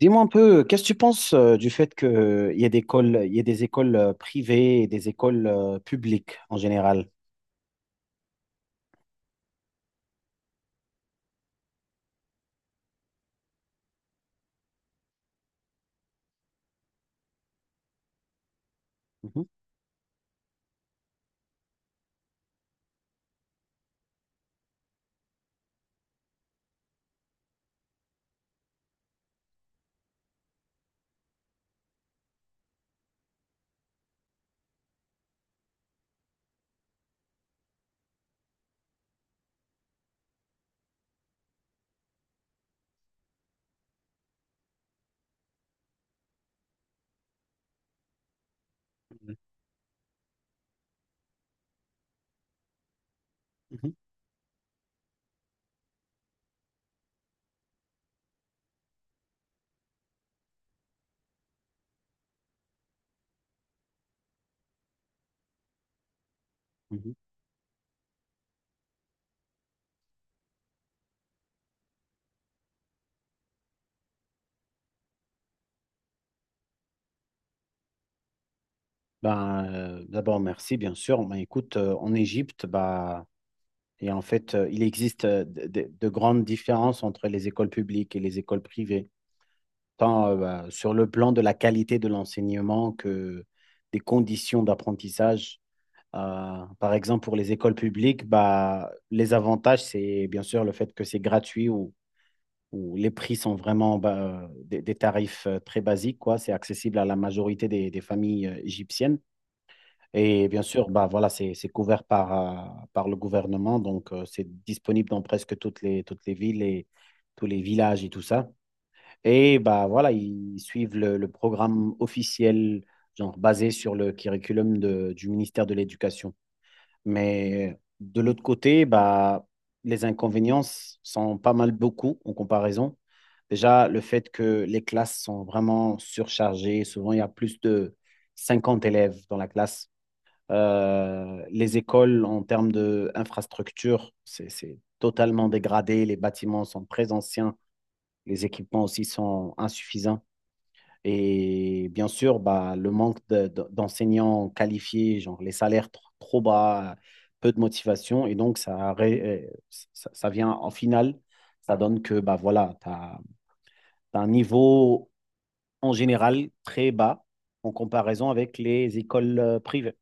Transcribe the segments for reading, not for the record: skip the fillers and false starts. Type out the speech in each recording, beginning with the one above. Dis-moi un peu, qu'est-ce que tu penses du fait qu'il y a des écoles, il y a des écoles privées et des écoles publiques en général? Mhm, mhm, mhm. D'abord, merci, bien sûr. Ben, écoute, en Égypte, et en fait, il existe de grandes différences entre les écoles publiques et les écoles privées, tant sur le plan de la qualité de l'enseignement que des conditions d'apprentissage. Par exemple, pour les écoles publiques, bah, les avantages, c'est bien sûr le fait que c'est gratuit ou les prix sont vraiment bah, des tarifs très basiques, quoi. C'est accessible à la majorité des familles égyptiennes. Et bien sûr, bah, voilà, c'est couvert par, par le gouvernement, donc c'est disponible dans presque toutes les villes et tous les villages et tout ça. Et bah, voilà, ils suivent le programme officiel, genre basé sur le curriculum du ministère de l'Éducation. Mais de l'autre côté, bah, les inconvénients sont pas mal beaucoup en comparaison. Déjà, le fait que les classes sont vraiment surchargées. Souvent, il y a plus de 50 élèves dans la classe. Les écoles, en termes d'infrastructure, c'est totalement dégradé. Les bâtiments sont très anciens. Les équipements aussi sont insuffisants. Et bien sûr, bah, le manque d'enseignants qualifiés, genre les salaires trop bas, peu de motivation. Et donc, ça vient en finale, ça donne que bah, voilà, tu as, un niveau en général très bas en comparaison avec les écoles privées.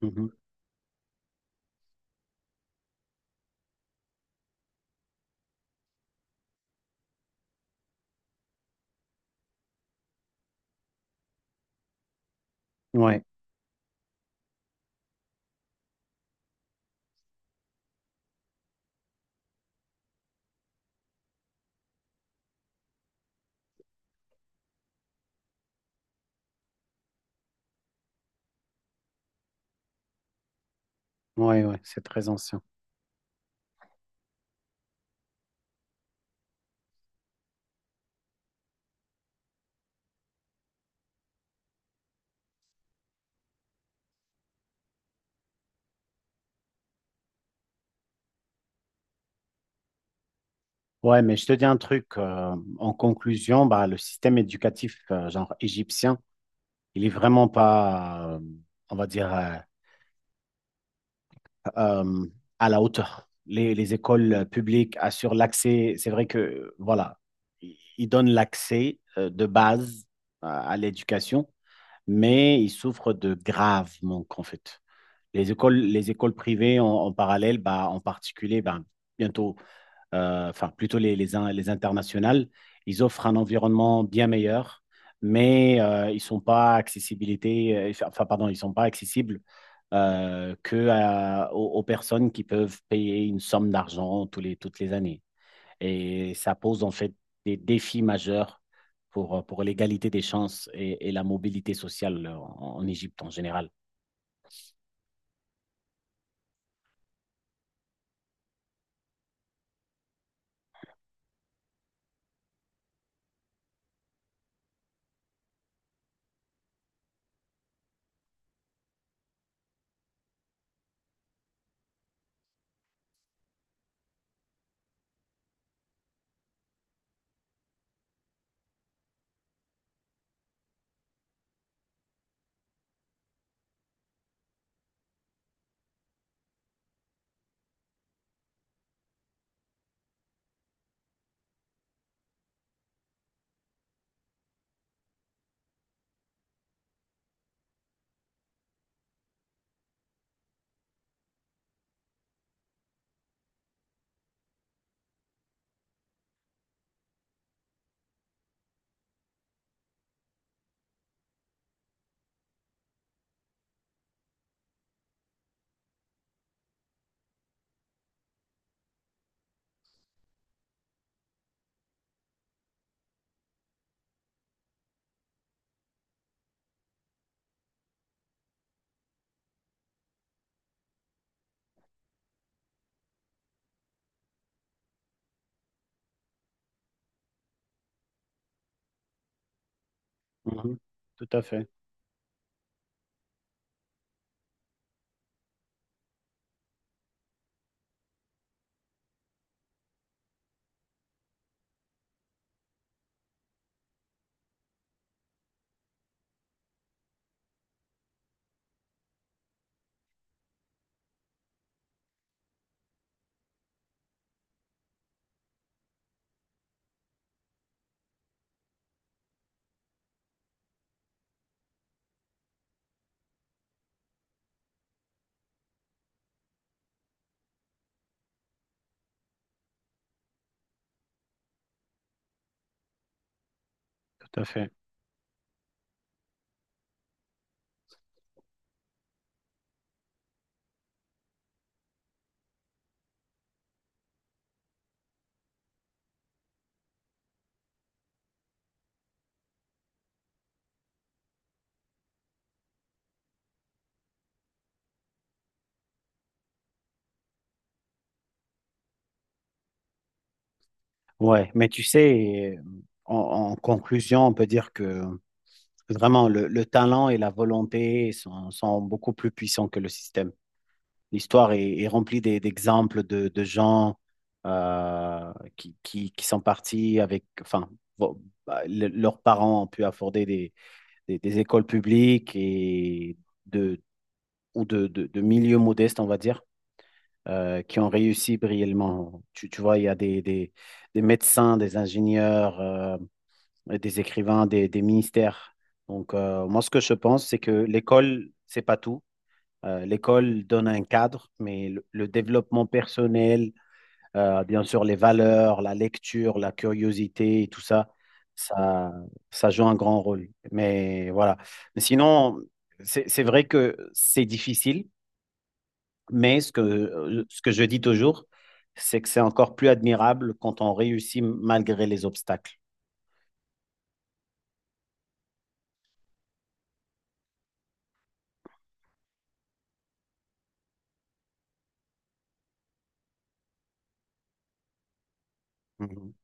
Mhm. Ouais, ouais, ouais, c'est très ancien. Ouais, mais je te dis un truc, en conclusion, bah, le système éducatif, genre égyptien, il est vraiment pas, on va dire, euh, à la hauteur. Les écoles publiques assurent l'accès. C'est vrai que, voilà, ils donnent l'accès de base à l'éducation, mais ils souffrent de graves manques, en fait. Les écoles privées en, en parallèle, bah, en particulier, bah, bientôt, enfin plutôt les internationales, ils offrent un environnement bien meilleur, mais ils sont pas accessibilité, enfin, pardon, ils sont pas accessibles que aux, aux personnes qui peuvent payer une somme d'argent tous les, toutes les années. Et ça pose en fait des défis majeurs pour l'égalité des chances et la mobilité sociale en, en Égypte en général. Mhm. Tout à fait, tout à fait. Ouais, mais tu sais, en, en conclusion, on peut dire que vraiment, le talent et la volonté sont, sont beaucoup plus puissants que le système. L'histoire est, est remplie d'exemples de gens qui sont partis avec, enfin, bon, bah, leurs parents ont pu afforder des, des écoles publiques et de, ou de milieux modestes, on va dire, qui ont réussi brillamment. Tu vois, il y a des médecins, des ingénieurs. Des écrivains, des ministères. Donc, moi, ce que je pense, c'est que l'école, c'est pas tout. L'école donne un cadre, mais le développement personnel, bien sûr, les valeurs, la lecture, la curiosité et tout ça, ça, ça joue un grand rôle. Mais voilà. Mais sinon, c'est vrai que c'est difficile mais ce que je dis toujours, c'est que c'est encore plus admirable quand on réussit malgré les obstacles. Mhm.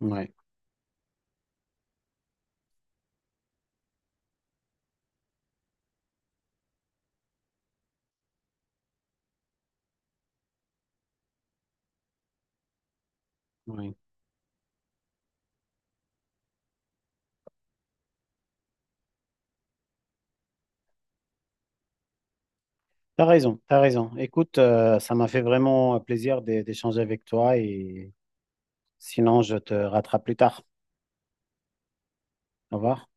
Ouais, ouais. T'as raison, t'as raison. Écoute, ça m'a fait vraiment plaisir d'échanger avec toi et sinon je te rattrape plus tard. Au revoir.